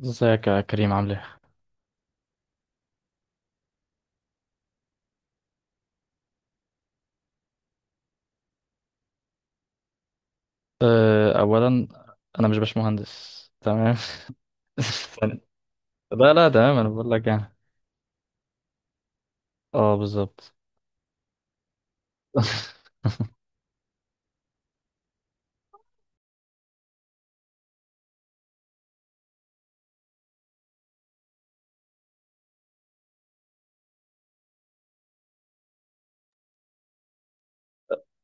ازيك يا كريم، عامل ايه؟ اولا انا مش باشمهندس، تمام؟ ثانيا- لا لا تمام، انا بقول لك يعني. اه بالظبط.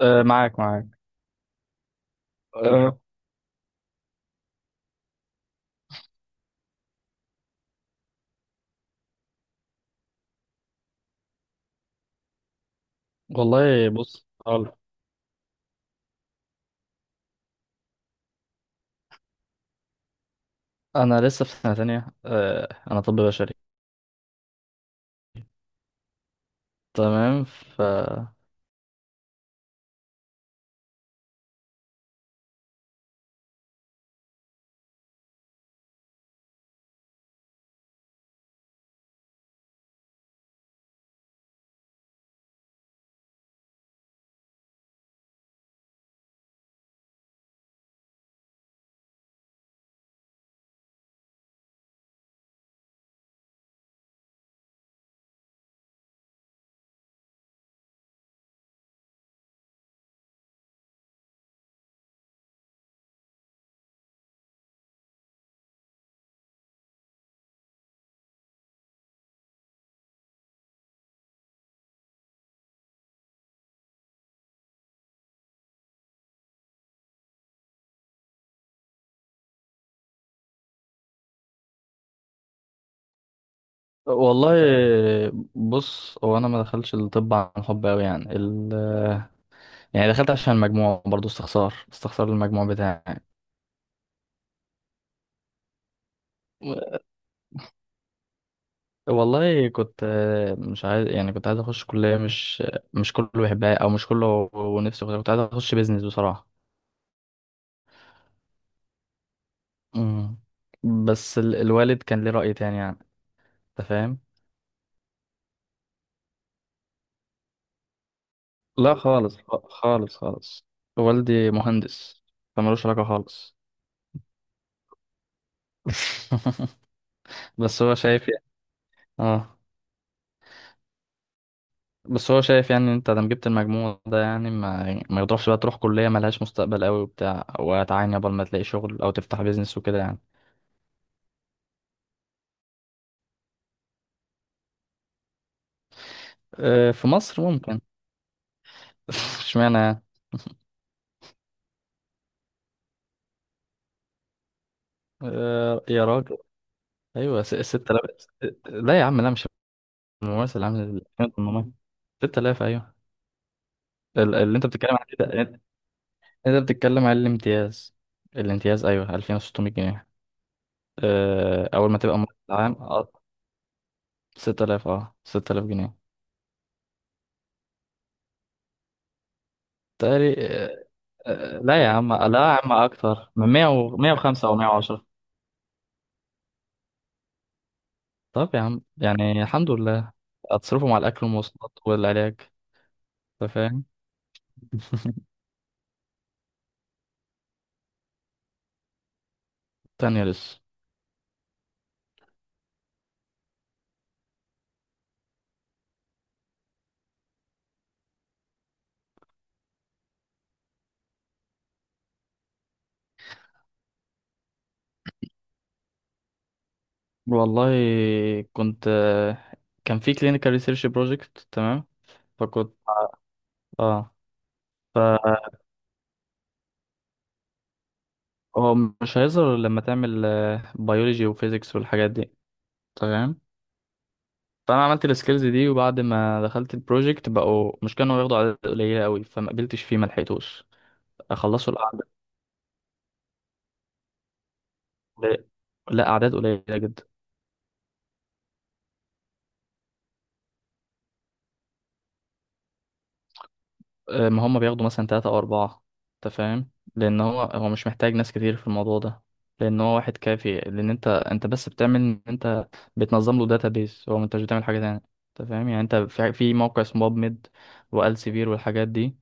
معاك معاك. أه، والله بص انا لسه في سنه تانية. انا طب بشري. تمام. والله بص، هو انا ما دخلتش الطب عن حب قوي، يعني يعني دخلت عشان المجموع، برضو استخسار المجموع بتاعي يعني. والله كنت مش عايز، يعني كنت عايز اخش كلية مش كله بيحبها او مش كله ونفسه فيها. كنت عايز اخش بيزنس بصراحة. مم. بس الوالد كان ليه رأي تاني يعني. انت فاهم؟ لا خالص، خالص خالص. والدي مهندس، فمالوش علاقة خالص. بس هو شايف يعني. اه. بس هو شايف يعني إن انت دام جبت المجموع ده، يعني ما يعني ما يضرش بقى تروح كلية ملهاش مستقبل قوي وبتاع، وتعاني قبل ما تلاقي شغل او تفتح بيزنس وكده يعني. في مصر ممكن. اشمعنى يعني؟ يا راجل. ايوه 6000. لا يا عم، لا، مش الممثل اللي عامل ال 2800. 6000 ايوه. اللي انت بتتكلم عن كده انت، أنت بتتكلم عن الامتياز. الامتياز، ايوه، 2600 جنيه. اول ما تبقى ممثل عام، اه، 6000، اه، 6000 جنيه. تقري آه، لا يا عم، لا يا عم، اكتر من 100 و 105 او 110. طب يا عم، يعني الحمد لله. اتصرفوا مع الاكل والمواصلات والعلاج. انت فاهم؟ تانية لسه. والله كنت كان في clinical research project. تمام. فكنت اه فهو مش هيظهر إلا لما تعمل بيولوجي وفيزيكس والحاجات دي. تمام. فانا عملت السكيلز دي، وبعد ما دخلت البروجكت بقوا مش كانوا ياخدوا اعداد قليله قوي، فما قبلتش فيه، ما لحقتوش. اخلصوا الاعداد. لا، اعداد قليله جدا. ما هم بياخدوا مثلا تلاتة أو أربعة. أنت فاهم؟ لأن هو مش محتاج ناس كتير في الموضوع ده. لأن هو واحد كافي. لأن أنت بس بتعمل إن أنت بتنظم له داتابيز، هو، أنت مش بتعمل حاجة تانية. أنت فاهم؟ يعني أنت في موقع اسمه باب ميد والسيفير والحاجات دي.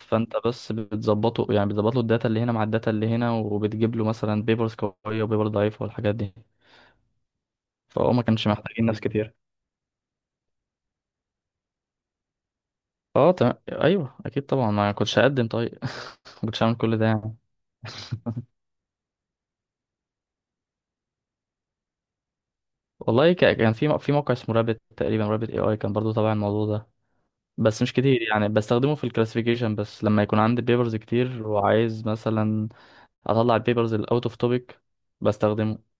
فأنت بس بتظبطه، يعني بتظبط له الداتا اللي هنا مع الداتا اللي هنا، وبتجيب له مثلا بيبرز قوية وبيبر ضعيفة والحاجات دي. فهو ما كانش محتاجين ناس كتير. اه تمام ايوه اكيد طبعا، ما كنتش هقدم طيب. ما كنتش هعمل كل ده يعني. والله كان في موقع اسمه رابت تقريبا، رابت اي اي، كان برضو تبع الموضوع ده. بس مش كتير، يعني بستخدمه في الكلاسيفيكيشن بس لما يكون عندي بيبرز كتير وعايز مثلا اطلع البيبرز الاوت اوف توبيك. بستخدمه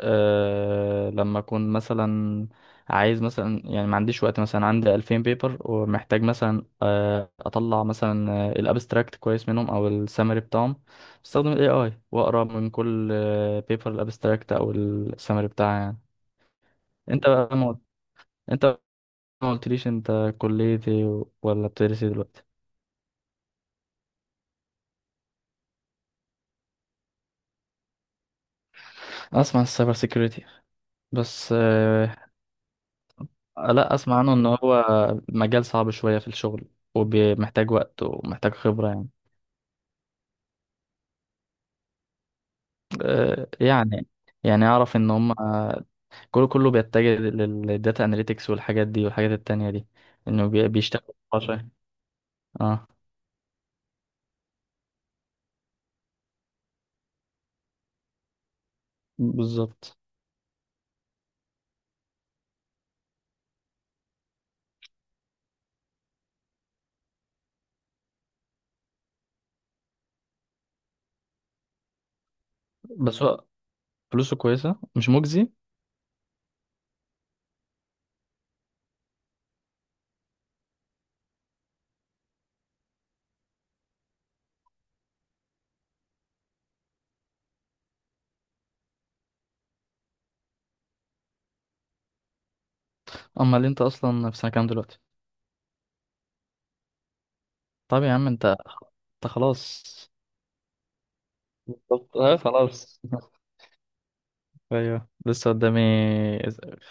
لما اكون مثلا عايز مثلا، يعني ما عنديش وقت، مثلا عندي 2000 بيبر ومحتاج مثلا اطلع مثلا الابستراكت كويس منهم او السمري بتاعهم. بستخدم الاي اي واقرا من كل بيبر الابستراكت او السمري بتاعها يعني. انت بقى انت ما قلتليش انت كلية ايه ولا بتدرسي دلوقتي؟ اسمع السايبر سيكيورتي، بس لا اسمع عنه ان هو مجال صعب شوية في الشغل، ومحتاج وقت ومحتاج خبرة يعني. آه، يعني يعني اعرف ان هم كله كله بيتجه للداتا اناليتكس والحاجات دي والحاجات التانية دي. انه بيشتغل عشان. اه بالظبط. بس هو فلوسه كويسة، مش مجزي. اما اللي انت اصلا، في سنة كام دلوقتي؟ طب يا عم انت، انت خلاص. بالظبط، اه خلاص. ايوه لسه قدامي،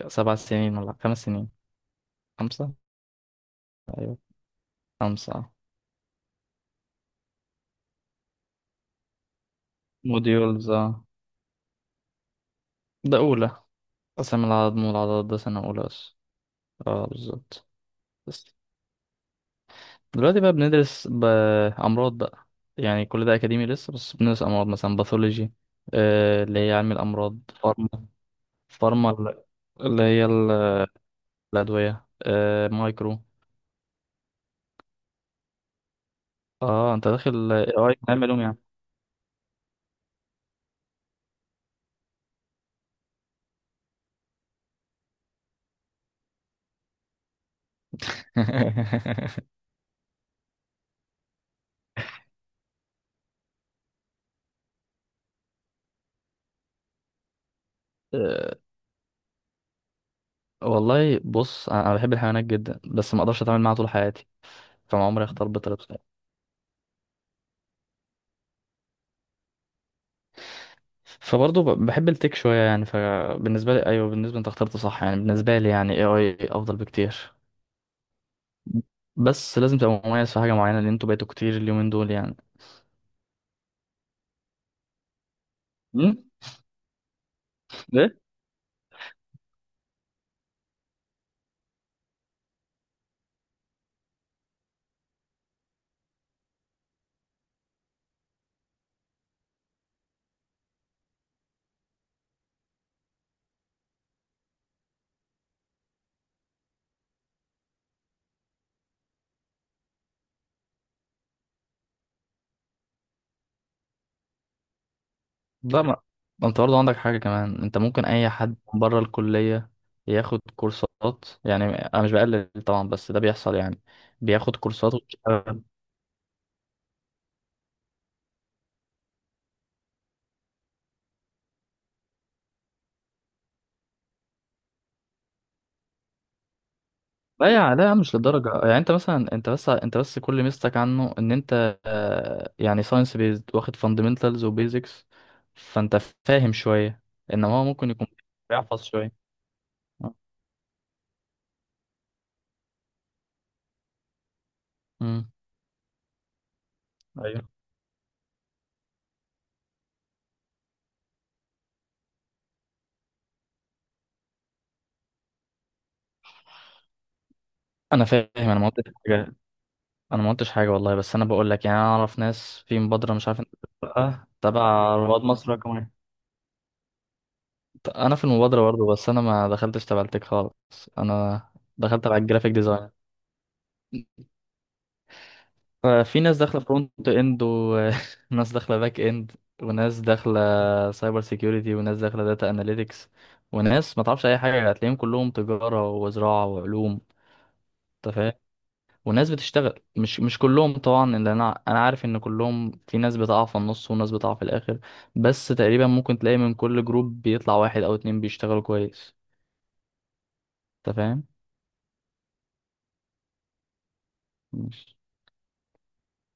7 سنين ولا 5 سنين. خمسة. ايوه خمسة اه. موديولز اه. ده أولى. قسم العظم والعضلات ده سنة أولى بس. اه بالظبط. بس دلوقتي بقى بندرس بأمراض بقى، يعني كل ده أكاديمي لسه. بس بندرس أمراض، مثلا باثولوجي، اللي هي علم الأمراض. فارما، فارما ال- اللي هي الأدوية. مايكرو. اه انت داخل إيه، اي علم علوم يعني؟ والله بص، انا بحب الحيوانات جدا، بس ما اقدرش اتعامل معاها طول حياتي. فما عمري اختار بطريقته يعني. فبرضه بحب التك شويه يعني. فبالنسبه لي ايوه، بالنسبه انت اخترت صح يعني، بالنسبه لي يعني اي اي افضل بكتير. بس لازم تبقى مميز في حاجه معينه، لان انتوا بقيتوا كتير اليومين دول يعني. امم. ايه. لا ما، ما انت برضه عندك حاجه كمان، انت ممكن اي حد بره الكليه ياخد كورسات، يعني انا مش بقلل طبعا، بس ده بيحصل يعني. بياخد كورسات ويشتغل. لا يا، لا يا عم، مش للدرجة. يعني انت مثلا، انت بس انت بس كل ميزتك عنه ان انت يعني ساينس بيزد، واخد فاندمنتالز وبيزكس. فانت فاهم شوية، انما هو ممكن يكون بيحفظ شوية. آه. امم. ايوه. انا فاهم، انا ما قلتش حاجة. انا ما قلتش حاجة والله، بس انا بقول لك يعني، انا اعرف ناس في مبادرة، مش عارف انت، بقى تبع رواد مصر رقم واحد. انا في المبادرة برضه، بس انا ما دخلتش تبع التك خالص. انا دخلت تبع الجرافيك ديزاين. في ناس داخله فرونت اند، وناس داخله باك اند، وناس داخله سايبر سيكيورتي، وناس داخله داتا اناليتكس، وناس ما تعرفش اي حاجه هتلاقيهم كلهم تجاره وزراعه وعلوم. انت فاهم؟ وناس بتشتغل، مش كلهم طبعا، اللي انا عارف ان كلهم، في ناس بتقع في النص وناس بتقع في الاخر، بس تقريبا ممكن تلاقي من كل جروب بيطلع واحد او اتنين بيشتغلوا كويس. انت فاهم